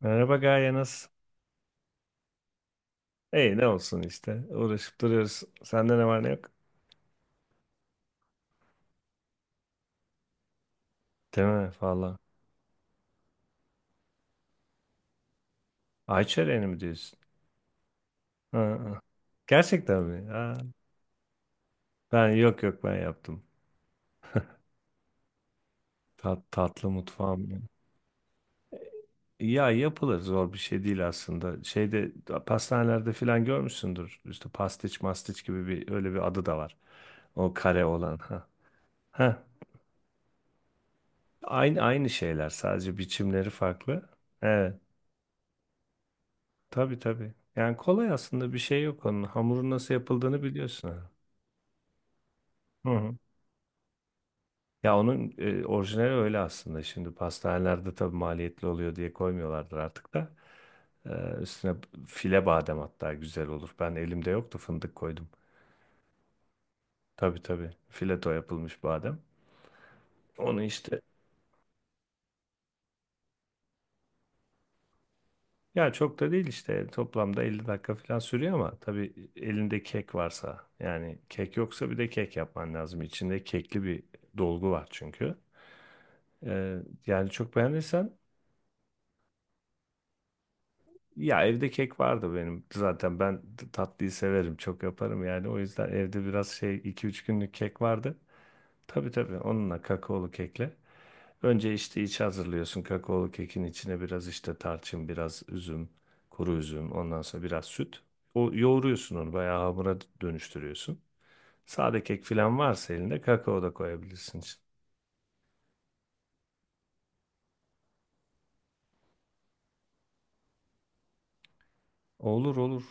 Merhaba Gaye, nasılsın? İyi, ne olsun işte. Uğraşıp duruyoruz. Sende ne var ne yok? Değil mi? Valla. Ayça Eren'i mi diyorsun? Ha, ha. Gerçekten mi? Ha. Ben yok, ben yaptım. Tatlı mutfağım. Benim. Ya yapılır, zor bir şey değil aslında. Şeyde pastanelerde filan görmüşsündür. İşte pastiç mastiç gibi bir, öyle bir adı da var. O kare olan. Ha. Ha. Aynı aynı şeyler, sadece biçimleri farklı. Evet. Tabii tabii. Yani kolay, aslında bir şey yok onun. Hamurun nasıl yapıldığını biliyorsun. Ha. Hı hı. Ya onun orijinali öyle aslında. Şimdi pastanelerde tabii maliyetli oluyor diye koymuyorlardır artık da. Üstüne file badem hatta güzel olur. Ben elimde yoktu fındık koydum. Tabii tabii. Fileto yapılmış badem. Onu işte ya çok da değil, işte toplamda 50 dakika falan sürüyor ama tabii elinde kek varsa, yani kek yoksa bir de kek yapman lazım. İçinde kekli bir dolgu var çünkü. Ee, yani çok beğenirsen ya, evde kek vardı benim. Zaten ben tatlıyı severim. Çok yaparım yani. O yüzden evde biraz şey, iki üç günlük kek vardı. Tabii tabii, onunla kakaolu kekle. Önce işte iç hazırlıyorsun. Kakaolu kekin içine biraz işte tarçın, biraz üzüm, kuru üzüm, ondan sonra biraz süt. O yoğuruyorsun, onu bayağı hamura dönüştürüyorsun. Sade kek falan varsa elinde kakao da koyabilirsin. İçine. Olur olur.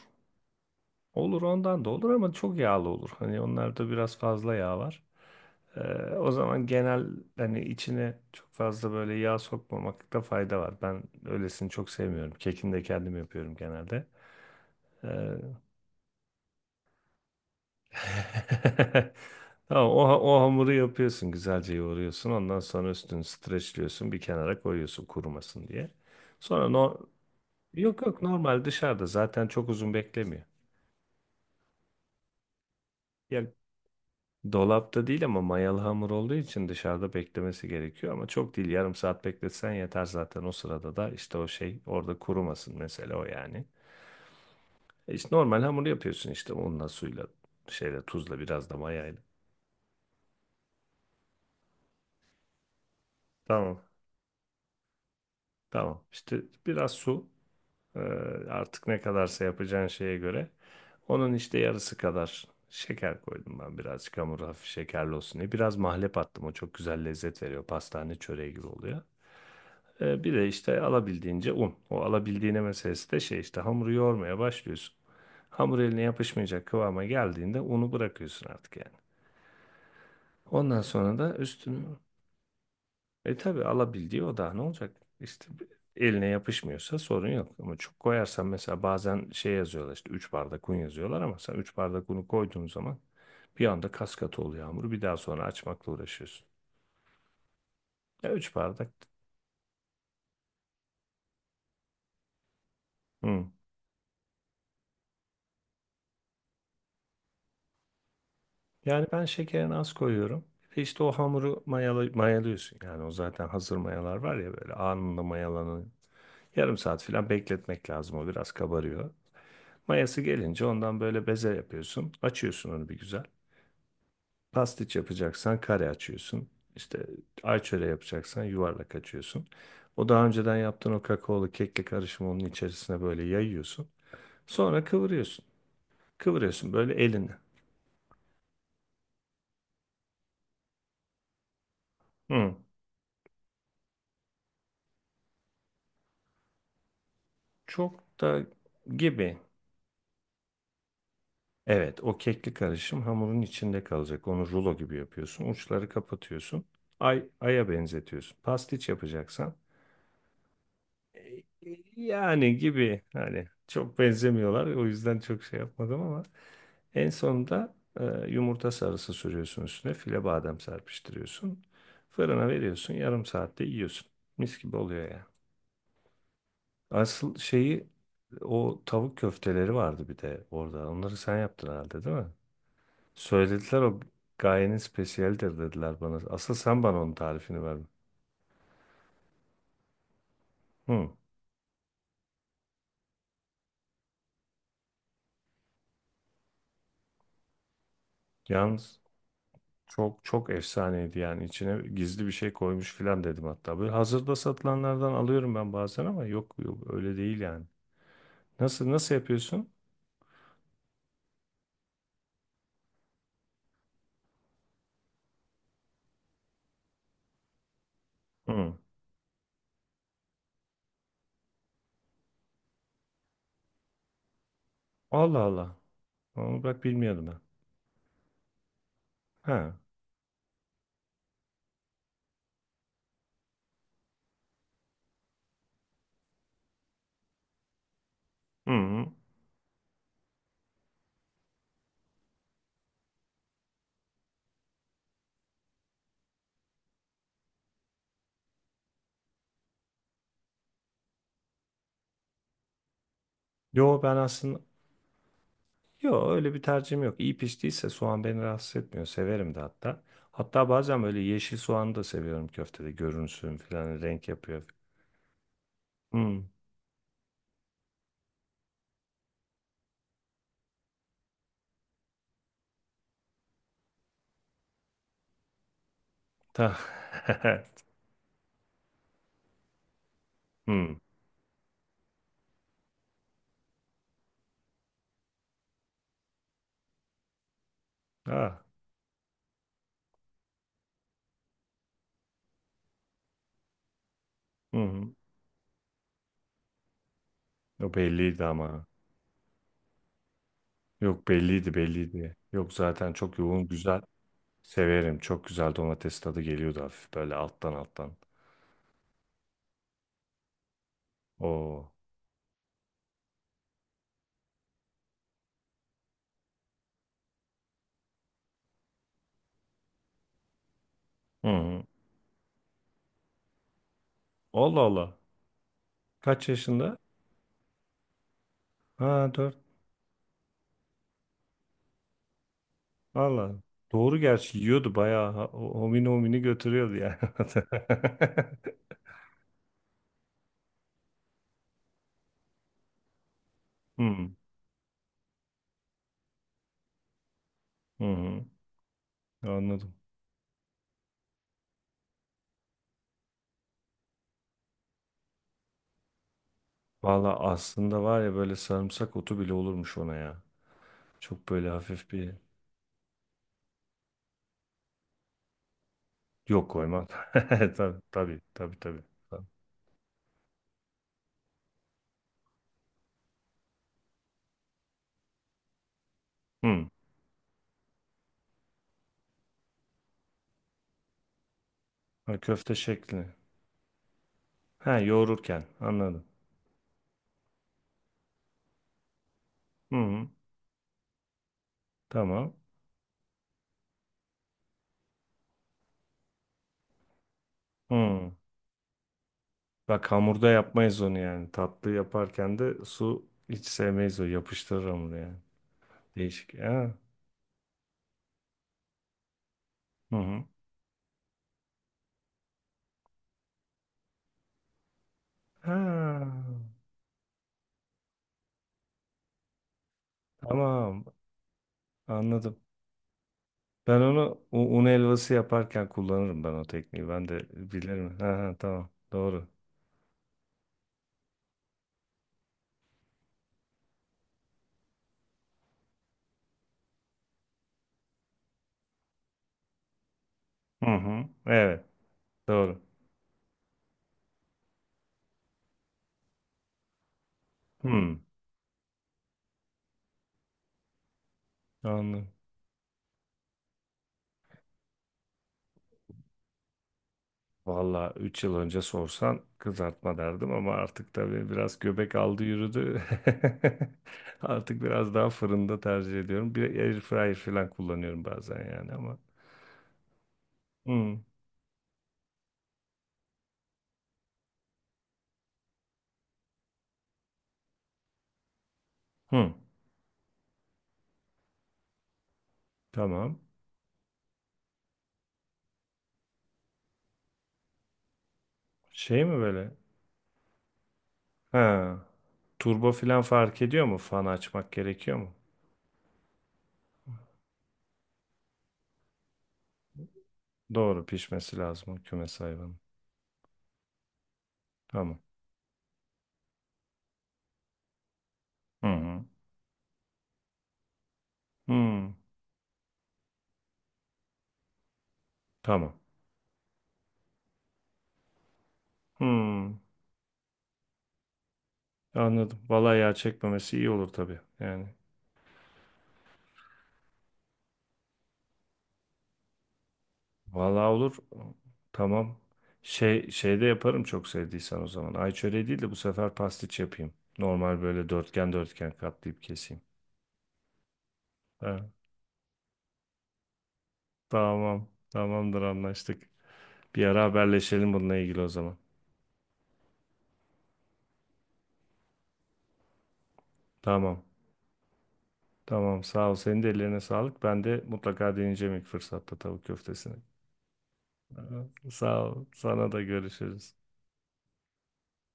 Olur, ondan da olur ama çok yağlı olur. Hani onlarda biraz fazla yağ var. Ee, o zaman genel, hani içine çok fazla böyle yağ sokmamakta fayda var. Ben öylesini çok sevmiyorum. Kekini de kendim yapıyorum genelde. Ee, Tamam, o hamuru yapıyorsun, güzelce yoğuruyorsun. Ondan sonra üstünü streçliyorsun, bir kenara koyuyorsun kurumasın diye. Sonra no yok yok, normal dışarıda, zaten çok uzun beklemiyor. Ya, dolapta değil ama mayalı hamur olduğu için dışarıda beklemesi gerekiyor ama çok değil, yarım saat bekletsen yeter zaten, o sırada da işte o şey orada kurumasın mesela o yani. E işte normal hamur yapıyorsun, işte unla suyla şeyle tuzla biraz da mayayla. Tamam tamam, işte biraz su e, artık ne kadarsa yapacağın şeye göre, onun işte yarısı kadar şeker koydum ben, birazcık hamur hafif şekerli olsun diye biraz mahlep attım, o çok güzel lezzet veriyor, pastane çöreği gibi oluyor. E, bir de işte alabildiğince un. O alabildiğine meselesi de şey, işte hamuru yoğurmaya başlıyorsun. Hamur eline yapışmayacak kıvama geldiğinde unu bırakıyorsun artık yani. Ondan sonra da üstünü e tabii, alabildiği o da ne olacak? İşte eline yapışmıyorsa sorun yok. Ama çok koyarsan, mesela bazen şey yazıyorlar, işte 3 bardak un yazıyorlar ama sen 3 bardak unu koyduğun zaman bir anda kas katı oluyor hamur. Bir daha sonra açmakla uğraşıyorsun. Ya 3 bardak. Hı. Yani ben şekerini az koyuyorum. Bir de işte o hamuru mayalıyorsun. Yani o zaten hazır mayalar var ya, böyle anında mayalanıyor. Yarım saat falan bekletmek lazım, o biraz kabarıyor. Mayası gelince ondan böyle beze yapıyorsun. Açıyorsun onu bir güzel. Pastiç yapacaksan kare açıyorsun. İşte ayçöre yapacaksan yuvarlak açıyorsun. O daha önceden yaptığın o kakaolu kekli karışımı onun içerisine böyle yayıyorsun. Sonra kıvırıyorsun. Kıvırıyorsun böyle elini. Hı. Çok da gibi. Evet, o kekli karışım hamurun içinde kalacak. Onu rulo gibi yapıyorsun. Uçları kapatıyorsun. Ay, aya benzetiyorsun. Pastiç yapacaksan e, yani gibi, hani çok benzemiyorlar. O yüzden çok şey yapmadım ama en sonunda yumurta sarısı sürüyorsun üstüne. File badem serpiştiriyorsun. Fırına veriyorsun. Yarım saatte yiyorsun. Mis gibi oluyor ya. Asıl şeyi, o tavuk köfteleri vardı bir de orada. Onları sen yaptın herhalde, değil mi? Söylediler, o gayenin spesiyeldir dediler bana. Asıl sen bana onun tarifini ver. Hı. Yalnız çok çok efsaneydi, yani içine gizli bir şey koymuş filan dedim hatta. Böyle hazırda satılanlardan alıyorum ben bazen ama yok, yok öyle değil yani. Nasıl yapıyorsun? Hı. Allah Allah. Onu bak bilmiyordum ben. Ha. Hı. Yo ben aslında, yok öyle bir tercihim yok. İyi piştiyse soğan beni rahatsız etmiyor. Severim de hatta. Hatta bazen böyle yeşil soğanı da seviyorum köftede. Görünsün falan, renk yapıyor. Hmm. Ta. hmm. Ah. Hmm. O belliydi ama. Yok, belliydi belliydi. Yok, zaten çok yoğun, güzel. Severim. Çok güzel domates tadı geliyordu hafif böyle alttan alttan. Oo. Hı hı. Allah Allah. Kaç yaşında? Ha. Valla doğru, gerçi yiyordu bayağı homini homini götürüyordu yani. Hmm. Hı hı, anladım. Valla aslında var ya, böyle sarımsak otu bile olurmuş ona ya. Çok böyle hafif bir, yok koymam. Tabii tabii tabii tabii. Tamam. Hmm. Ha, köfte şeklini. Ha yoğururken anladım. Hı hı. Tamam. Hmm. Bak hamurda yapmayız onu yani. Tatlı yaparken de su hiç sevmeyiz, o yapıştırır hamuru yani. Değişik. Ha. Hı hı. Ha, tamam, anladım. Ben onu un helvası yaparken kullanırım ben o tekniği. Ben de bilirim. Ha, ha, tamam, doğru. Hı hı. Evet, doğru. Hı. Anladım. Valla 3 yıl önce sorsan kızartma derdim ama artık tabii biraz göbek aldı yürüdü. Artık biraz daha fırında tercih ediyorum. Bir airfryer falan kullanıyorum bazen yani ama. Hı. Hı. Tamam. Şey mi böyle? Ha. Turbo falan fark ediyor mu? Fan açmak gerekiyor mu? Doğru pişmesi lazım o kümes hayvanın. Tamam. Hı hı. Hmm. Tamam. Hmm. Anladım. Vallahi yağ çekmemesi iyi olur tabii. Yani. Vallahi olur. Tamam. Şey, şey de yaparım çok sevdiysen o zaman. Ay çöreği değil de bu sefer pastiç yapayım. Normal böyle dörtgen dörtgen katlayıp keseyim. Ha, tamam. Tamamdır, anlaştık. Bir ara haberleşelim bununla ilgili o zaman. Tamam. Tamam, sağ ol. Senin de ellerine sağlık. Ben de mutlaka deneyeceğim ilk fırsatta tavuk köftesini. Aha. Sağ ol. Sana da, görüşürüz.